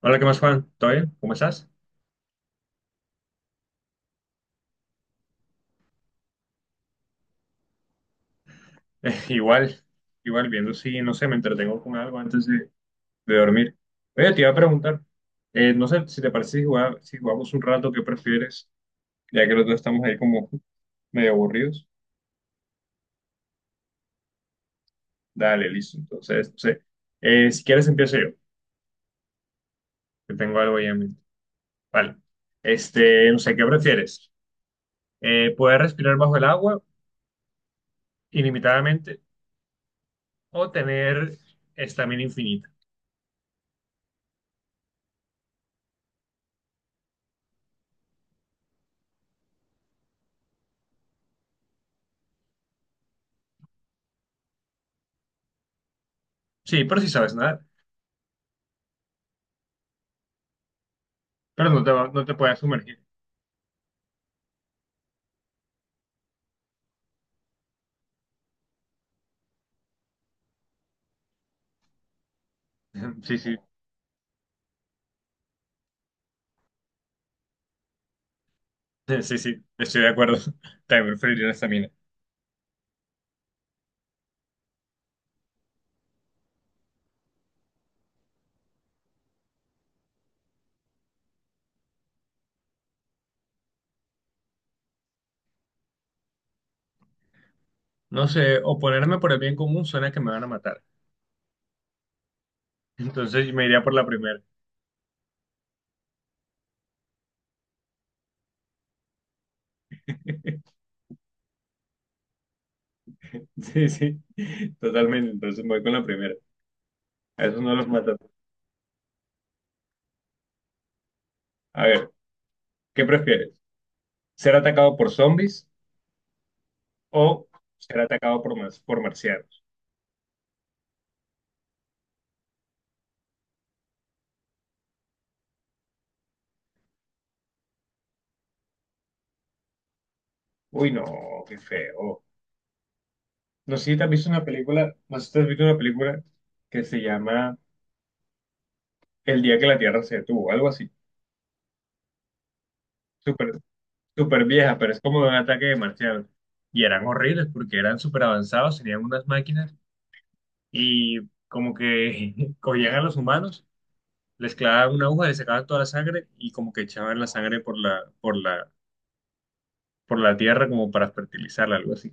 Hola, ¿qué más, Juan? ¿Todo bien? ¿Cómo estás? Eh, igual, igual viendo si, no sé, me entretengo con algo de dormir. Oye, te iba a preguntar, no sé si te parece si jugamos, si jugamos un rato, ¿qué prefieres? Ya que los dos estamos ahí como medio aburridos. Dale, listo. Entonces, no sé, si quieres empiezo yo, que tengo algo ahí en mente. Vale. Este, no sé, ¿qué prefieres? ¿poder respirar bajo el agua ilimitadamente o tener estamina infinita? Sí, pero si sabes nadar, no te puedes sumergir. Sí, sí, sí, sí, estoy de acuerdo. También preferiría esa mina. No sé, o ponerme por el bien común suena que me van a matar. Entonces me iría por la primera. Sí, sí, totalmente. Entonces me voy con la primera. A esos no los matan. A ver, ¿qué prefieres? ¿Ser atacado por zombies o ser atacado por marcianos? Uy, no, qué feo. No sé si te has visto una película que se llama El día que la Tierra se detuvo, algo así. Súper, súper vieja, pero es como de un ataque de marcianos. Y eran horribles porque eran súper avanzados, tenían unas máquinas y como que cogían a los humanos, les clavaban una aguja, les sacaban toda la sangre y como que echaban la sangre por la tierra como para fertilizarla, algo así.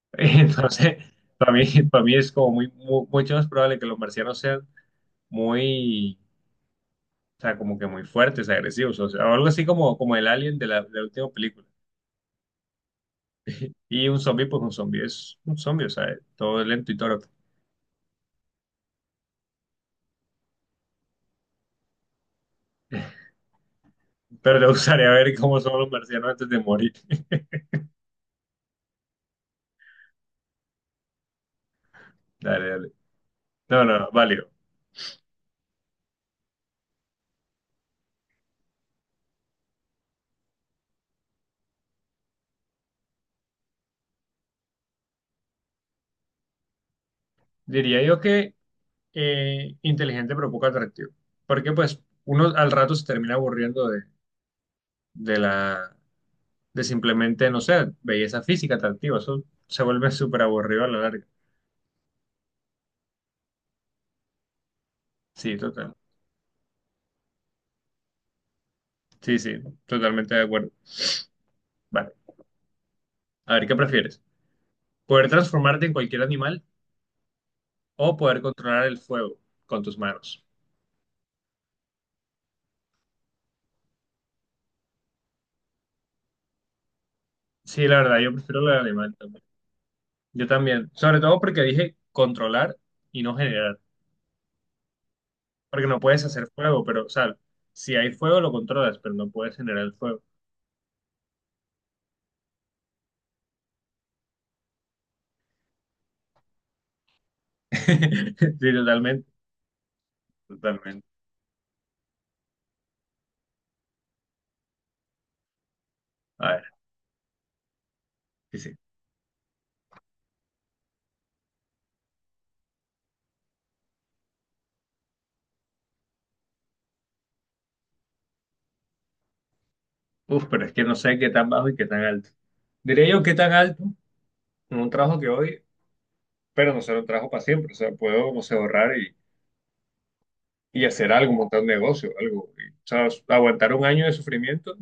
Entonces, para mí, para mí es como mucho más probable que los marcianos sean muy, o sea, como que muy fuertes, agresivos, o sea, algo así como, como el alien de la última película. Y un zombie, pues un zombie es un zombie, o sea, es todo lento y todo. Pero te gustaría ver cómo son los marcianos antes de morir. Dale, dale. No, no, no, válido. Diría yo que inteligente pero poco atractivo. Porque pues uno al rato se termina aburriendo de la, de simplemente, no sé, belleza física atractiva. Eso se vuelve súper aburrido a la larga. Sí, total. Sí, sí, totalmente de acuerdo. Vale. A ver, ¿qué prefieres? ¿Poder transformarte en cualquier animal o poder controlar el fuego con tus manos? Sí, la verdad, yo prefiero la de alemán también. Yo también, sobre todo porque dije controlar y no generar, porque no puedes hacer fuego, pero, o sea, si hay fuego lo controlas, pero no puedes generar el fuego. Sí, totalmente, totalmente. A ver, sí, sí. Uf, pero es que no sé qué tan bajo y qué tan alto. Diría yo qué tan alto en un trabajo que hoy, pero no será un trabajo para siempre, o sea, puedo, como se ahorrar y hacer algo, montar un negocio, algo, y, o sea, aguantar un año de sufrimiento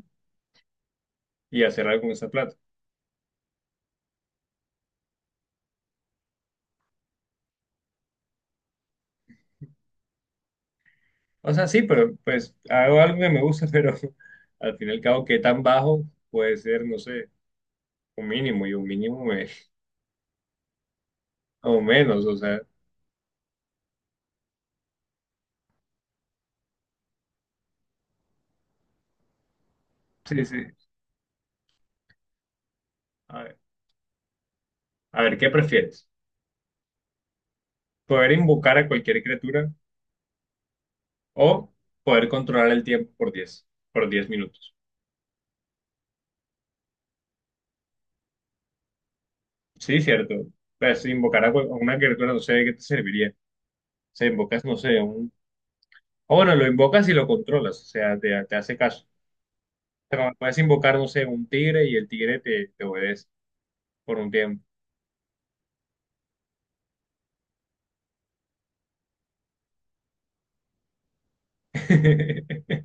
y hacer algo con esa plata. O sea, sí, pero pues hago algo que me gusta, pero al fin y al cabo, ¿qué tan bajo puede ser? No sé, un mínimo y un mínimo me- o menos, o sea, sí, sí. A ver, a ver, ¿qué prefieres? ¿Poder invocar a cualquier criatura o poder controlar el tiempo por 10 minutos? Sí, cierto. Pues si invocar a cual- a una criatura no sé de qué te serviría. Se invocas, no sé, un... O bueno, lo invocas y lo controlas, o sea, te hace caso. Pero puedes invocar, no sé, un tigre y el tigre te obedece por un tiempo.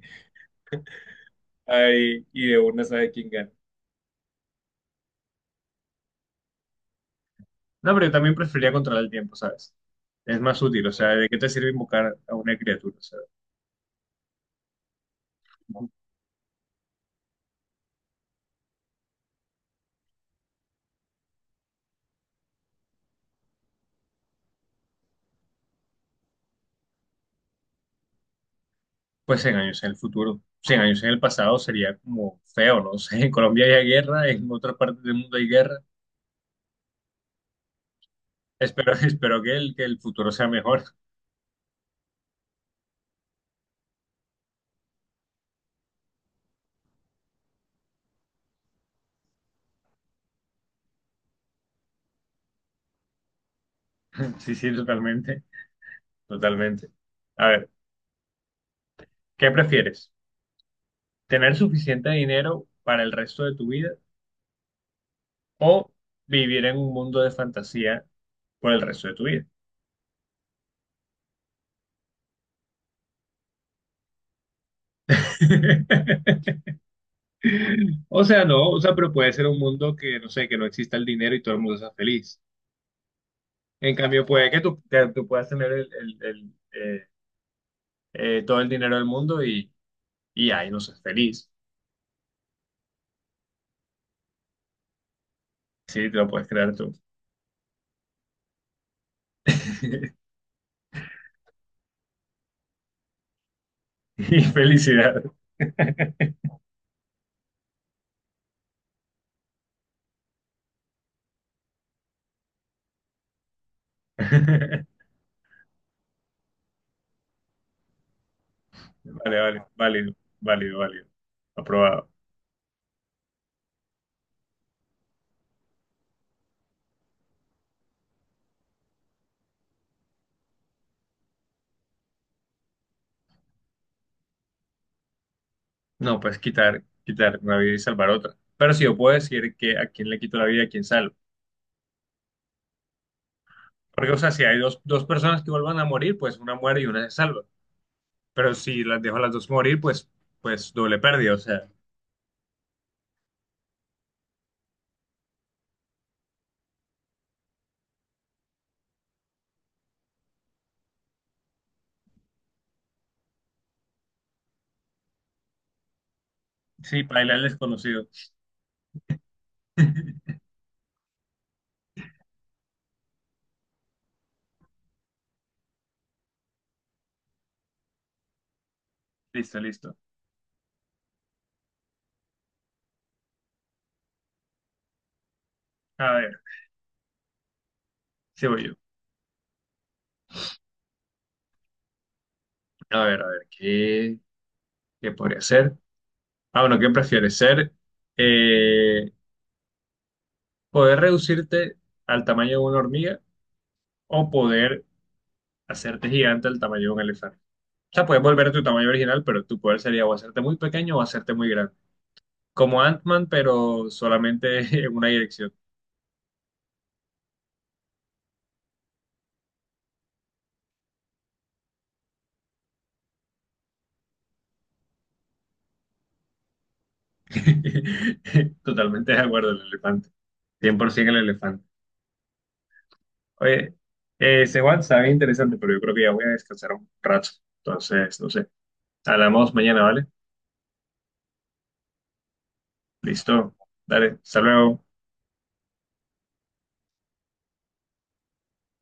Ay, y de una sabe quién gana. No, pero yo también preferiría controlar el tiempo, ¿sabes? Es más útil, o sea, ¿de qué te sirve invocar a una criatura? O sea, como, pues 100 años en el futuro, 100 años en el pasado sería como feo, ¿no? O sea, en Colombia hay guerra, en otras partes del mundo hay guerra. Espero, espero que el futuro sea mejor. Sí, sí, totalmente, totalmente. A ver, ¿qué prefieres? ¿Tener suficiente dinero para el resto de tu vida o vivir en un mundo de fantasía por el resto de tu vida? O sea, no, o sea, pero puede ser un mundo que, no sé, que no exista el dinero y todo el mundo sea feliz. En cambio, puede que tú puedas tener todo el dinero del mundo y ahí no seas feliz. Sí, te lo puedes crear tú. Y felicidad. Vale, vale, válido, válido, válido. Aprobado. No, pues quitar, quitar una vida y salvar otra. Pero si yo puedo decir que a quién le quito la vida y a quién salvo. Porque, o sea, si hay dos, dos personas que vuelvan a morir, pues una muere y una se salva. Pero si las dejo a las dos morir, pues doble pérdida. O sea, sí, paila el desconocido. Listo, listo. A ver, sí voy yo. A ver, ¿qué podría ser? Ah, bueno, ¿qué prefieres ser? Eh, ¿poder reducirte al tamaño de una hormiga o poder hacerte gigante al tamaño de un elefante? O sea, puedes volver a tu tamaño original, pero tu poder sería o hacerte muy pequeño o hacerte muy grande. Como Ant-Man, pero solamente en una dirección. Totalmente de acuerdo, el elefante. 100% el elefante. Oye, ese WhatsApp es interesante, pero yo creo que ya voy a descansar un rato. Entonces, no sé. Hablamos mañana, ¿vale? Listo. Dale, hasta luego.